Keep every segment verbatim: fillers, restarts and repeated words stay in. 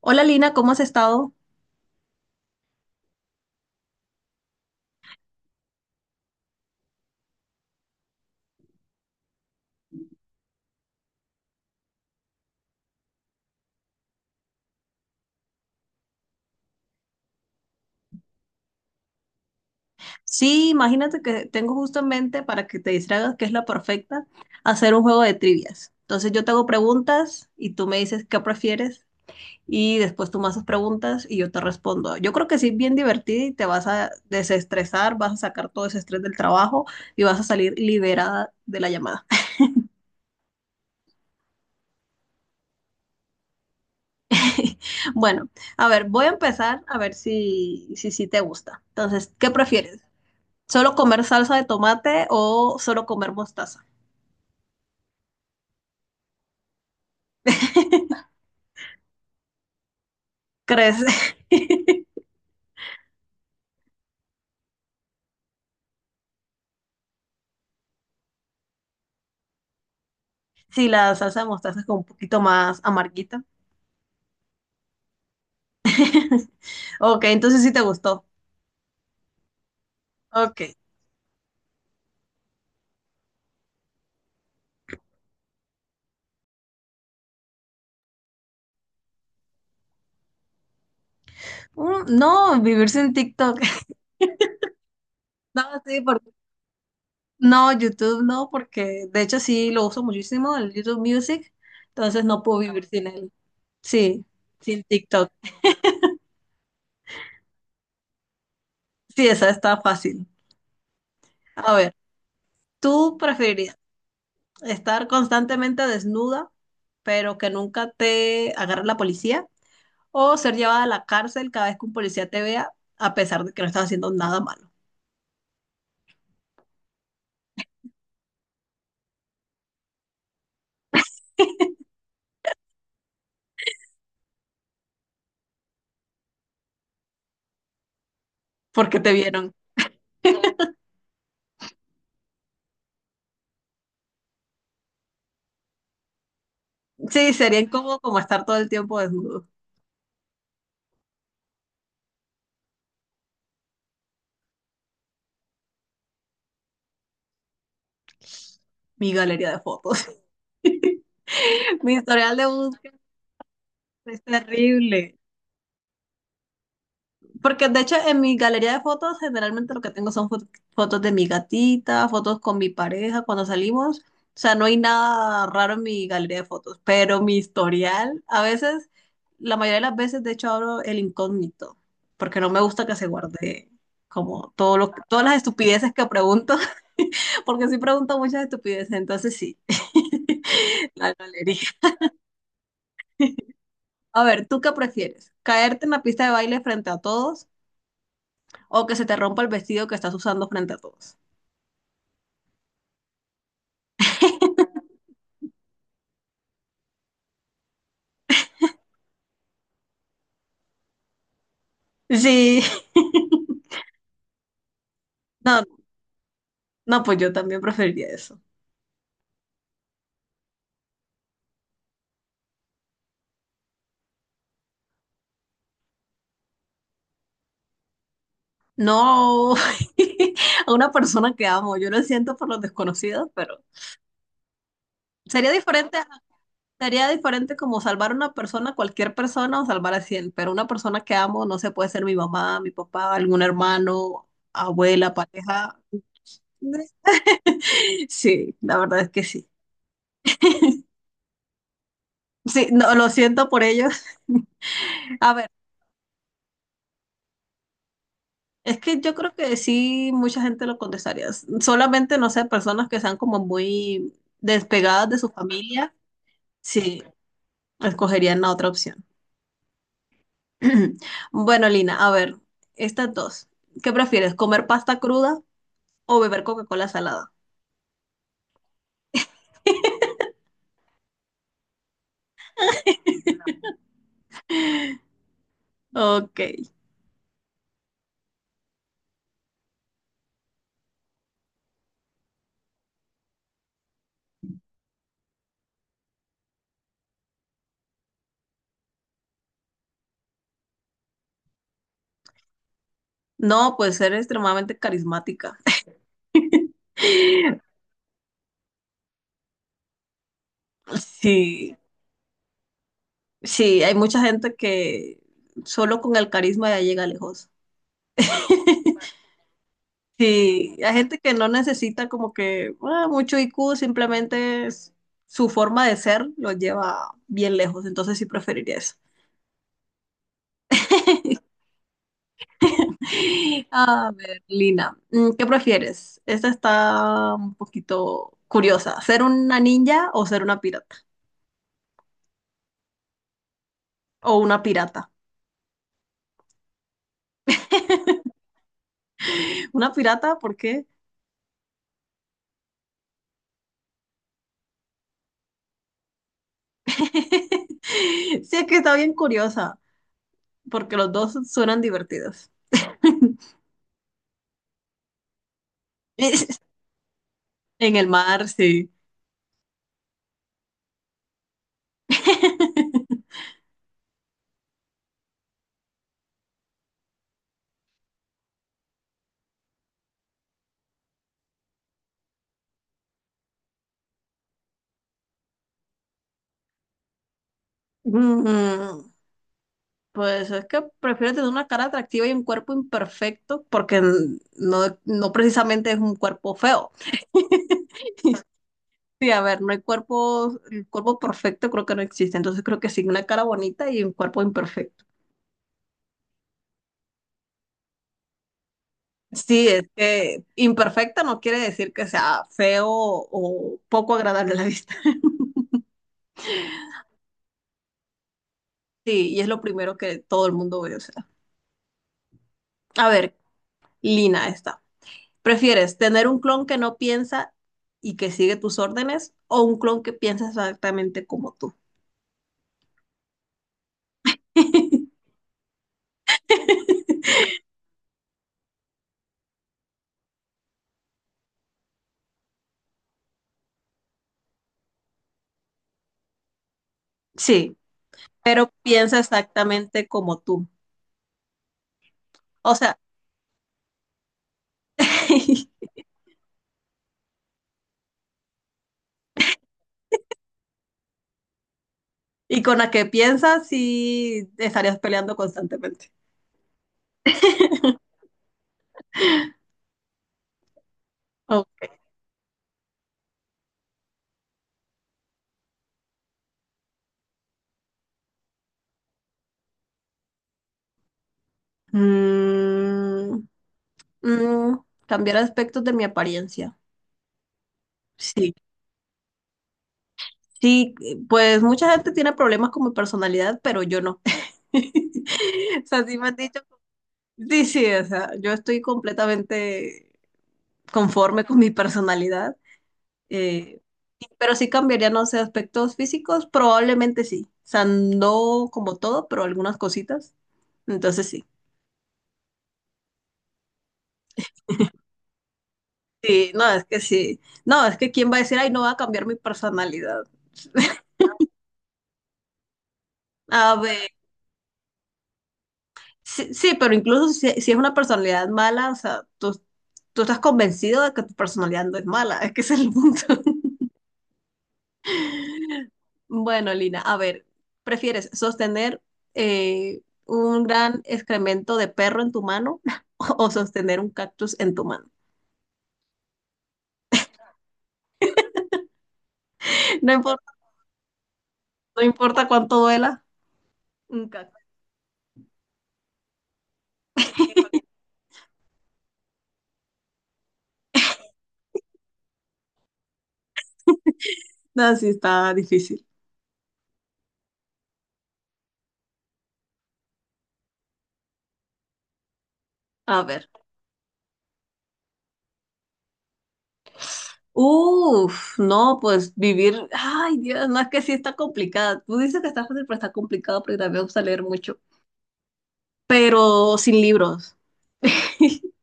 Hola Lina, ¿cómo has estado? Sí, imagínate que tengo justamente para que te distraigas, que es la perfecta, hacer un juego de trivias. Entonces yo te hago preguntas y tú me dices qué prefieres y después tú me haces preguntas y yo te respondo. Yo creo que sí es bien divertido y te vas a desestresar, vas a sacar todo ese estrés del trabajo y vas a salir liberada de la llamada. Bueno, a ver, voy a empezar a ver si, si, si te gusta. Entonces, ¿qué prefieres? ¿Solo comer salsa de tomate o solo comer mostaza? Crece. Si la salsa de mostaza es como un poquito más amarguita. Ok, entonces sí te gustó. Ok. Mm, No, vivir sin TikTok. No, sí, porque- no, YouTube no, porque de hecho sí lo uso muchísimo, el YouTube Music, entonces no puedo vivir sin él. Sí, sin TikTok. Sí, esa está fácil. A ver, ¿tú preferirías estar constantemente desnuda, pero que nunca te agarre la policía? ¿O ser llevada a la cárcel cada vez que un policía te vea, a pesar de que no estás haciendo nada malo, porque te vieron? Sí, sería incómodo como estar todo el tiempo desnudo. Mi galería de fotos. Mi historial de búsqueda es terrible. Porque de hecho en mi galería de fotos generalmente lo que tengo son fo- fotos de mi gatita, fotos con mi pareja cuando salimos. O sea, no hay nada raro en mi galería de fotos, pero mi historial, a veces, la mayoría de las veces de hecho abro el incógnito, porque no me gusta que se guarde como todo lo, todas las estupideces que pregunto, porque sí pregunto muchas estupideces, entonces sí, la galería. A ver, ¿tú qué prefieres? ¿Caerte en la pista de baile frente a todos, o que se te rompa el vestido que estás usando frente a todos? Sí. No, no, pues yo también preferiría eso. No, a una persona que amo, yo lo siento por los desconocidos, pero sería diferente, sería diferente como salvar a una persona, cualquier persona o salvar a cien, pero una persona que amo no, se puede ser mi mamá, mi papá, algún hermano, abuela, pareja. Sí, la verdad es que sí. Sí, no, lo siento por ellos. A es que yo creo que sí, mucha gente lo contestaría. S- Solamente, no sé, personas que sean como muy despegadas de su familia, sí, escogerían la otra opción. Bueno, Lina, a ver, estas dos. ¿Qué prefieres, comer pasta cruda o beber Coca-Cola salada? Ok. No, pues ser extremadamente carismática. Sí, sí, hay mucha gente que solo con el carisma ya llega lejos. Sí, hay gente que no necesita como que ah, mucho I Q, simplemente es- su forma de ser lo lleva bien lejos, entonces sí preferiría eso. A ver, Lina, mm, ¿qué prefieres? Esta está un poquito curiosa, ¿ser una ninja o ser una pirata? O una pirata. ¿Una pirata? ¿Por qué? Sí, es que está bien curiosa, porque los dos suenan divertidos. En el mar, sí. Mm, pues es que prefiero tener una cara atractiva y un cuerpo imperfecto porque n- no, no precisamente es un cuerpo feo. Sí, a ver, no hay cuerpo, el cuerpo perfecto creo que no existe, entonces creo que sí, una cara bonita y un cuerpo imperfecto. Sí, es que imperfecta no quiere decir que sea feo o poco agradable a la vista. Sí, y es lo primero que todo el mundo ve, o sea. A ver, Lina, está. ¿Prefieres tener un clon que no piensa y que sigue tus órdenes o un clon que piensa exactamente como tú? Sí, pero piensa exactamente como tú. O sea, y con la que piensas sí estarías peleando constantemente. Ok. Mm, mm, cambiar aspectos de mi apariencia. Sí, sí, pues mucha gente tiene problemas con mi personalidad, pero yo no. O sea, sí me han dicho. Sí, sí, o sea, yo estoy completamente conforme con mi personalidad, eh, pero sí cambiaría, no sé, aspectos físicos, probablemente sí, o sea, no como todo, pero algunas cositas, entonces sí, sí, no, es que sí, no, es que quién va a decir, ay, no, va a cambiar mi personalidad. A ver, sí, sí, pero incluso si, si es una personalidad mala, o sea, tú, tú estás convencido de que tu personalidad no es mala, es que ese es el punto. Bueno, Lina, a ver, ¿prefieres sostener eh, un gran excremento de perro en tu mano o sostener un cactus en tu mano? No importa, no importa cuánto duela, un cactus. No, sí está difícil. A ver. Uf, no, pues vivir. Ay, Dios, no, es que sí está complicada. Tú dices que está fácil, pero está complicado porque también me gusta leer mucho. Pero sin libros.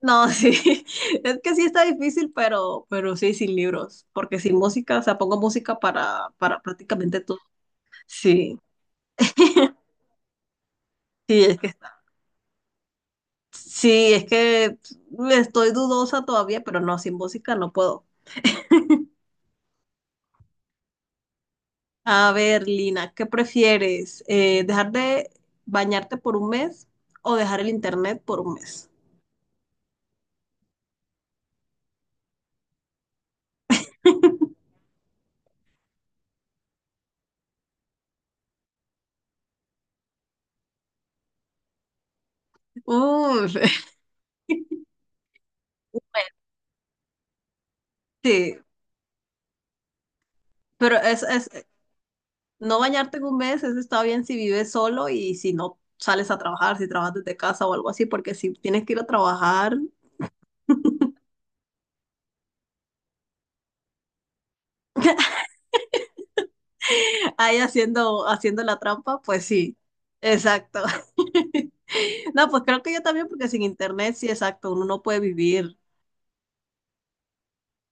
No, sí, es que sí está difícil, pero, pero sí, sin libros, porque sin música, o sea, pongo música para, para prácticamente todo. Sí, sí, es que está. Sí, es que estoy dudosa todavía, pero no, sin música no puedo. A ver, Lina, ¿qué prefieres? Eh, ¿dejar de bañarte por un mes o dejar el internet por un mes? Uf, un mes, sí, pero es, es, no bañarte en un mes, eso está bien si vives solo y si no sales a trabajar, si trabajas desde casa o algo así, porque si tienes que ir a trabajar ahí haciendo, haciendo la trampa, pues sí, exacto. No, pues creo que yo también, porque sin internet, sí, exacto, uno no puede vivir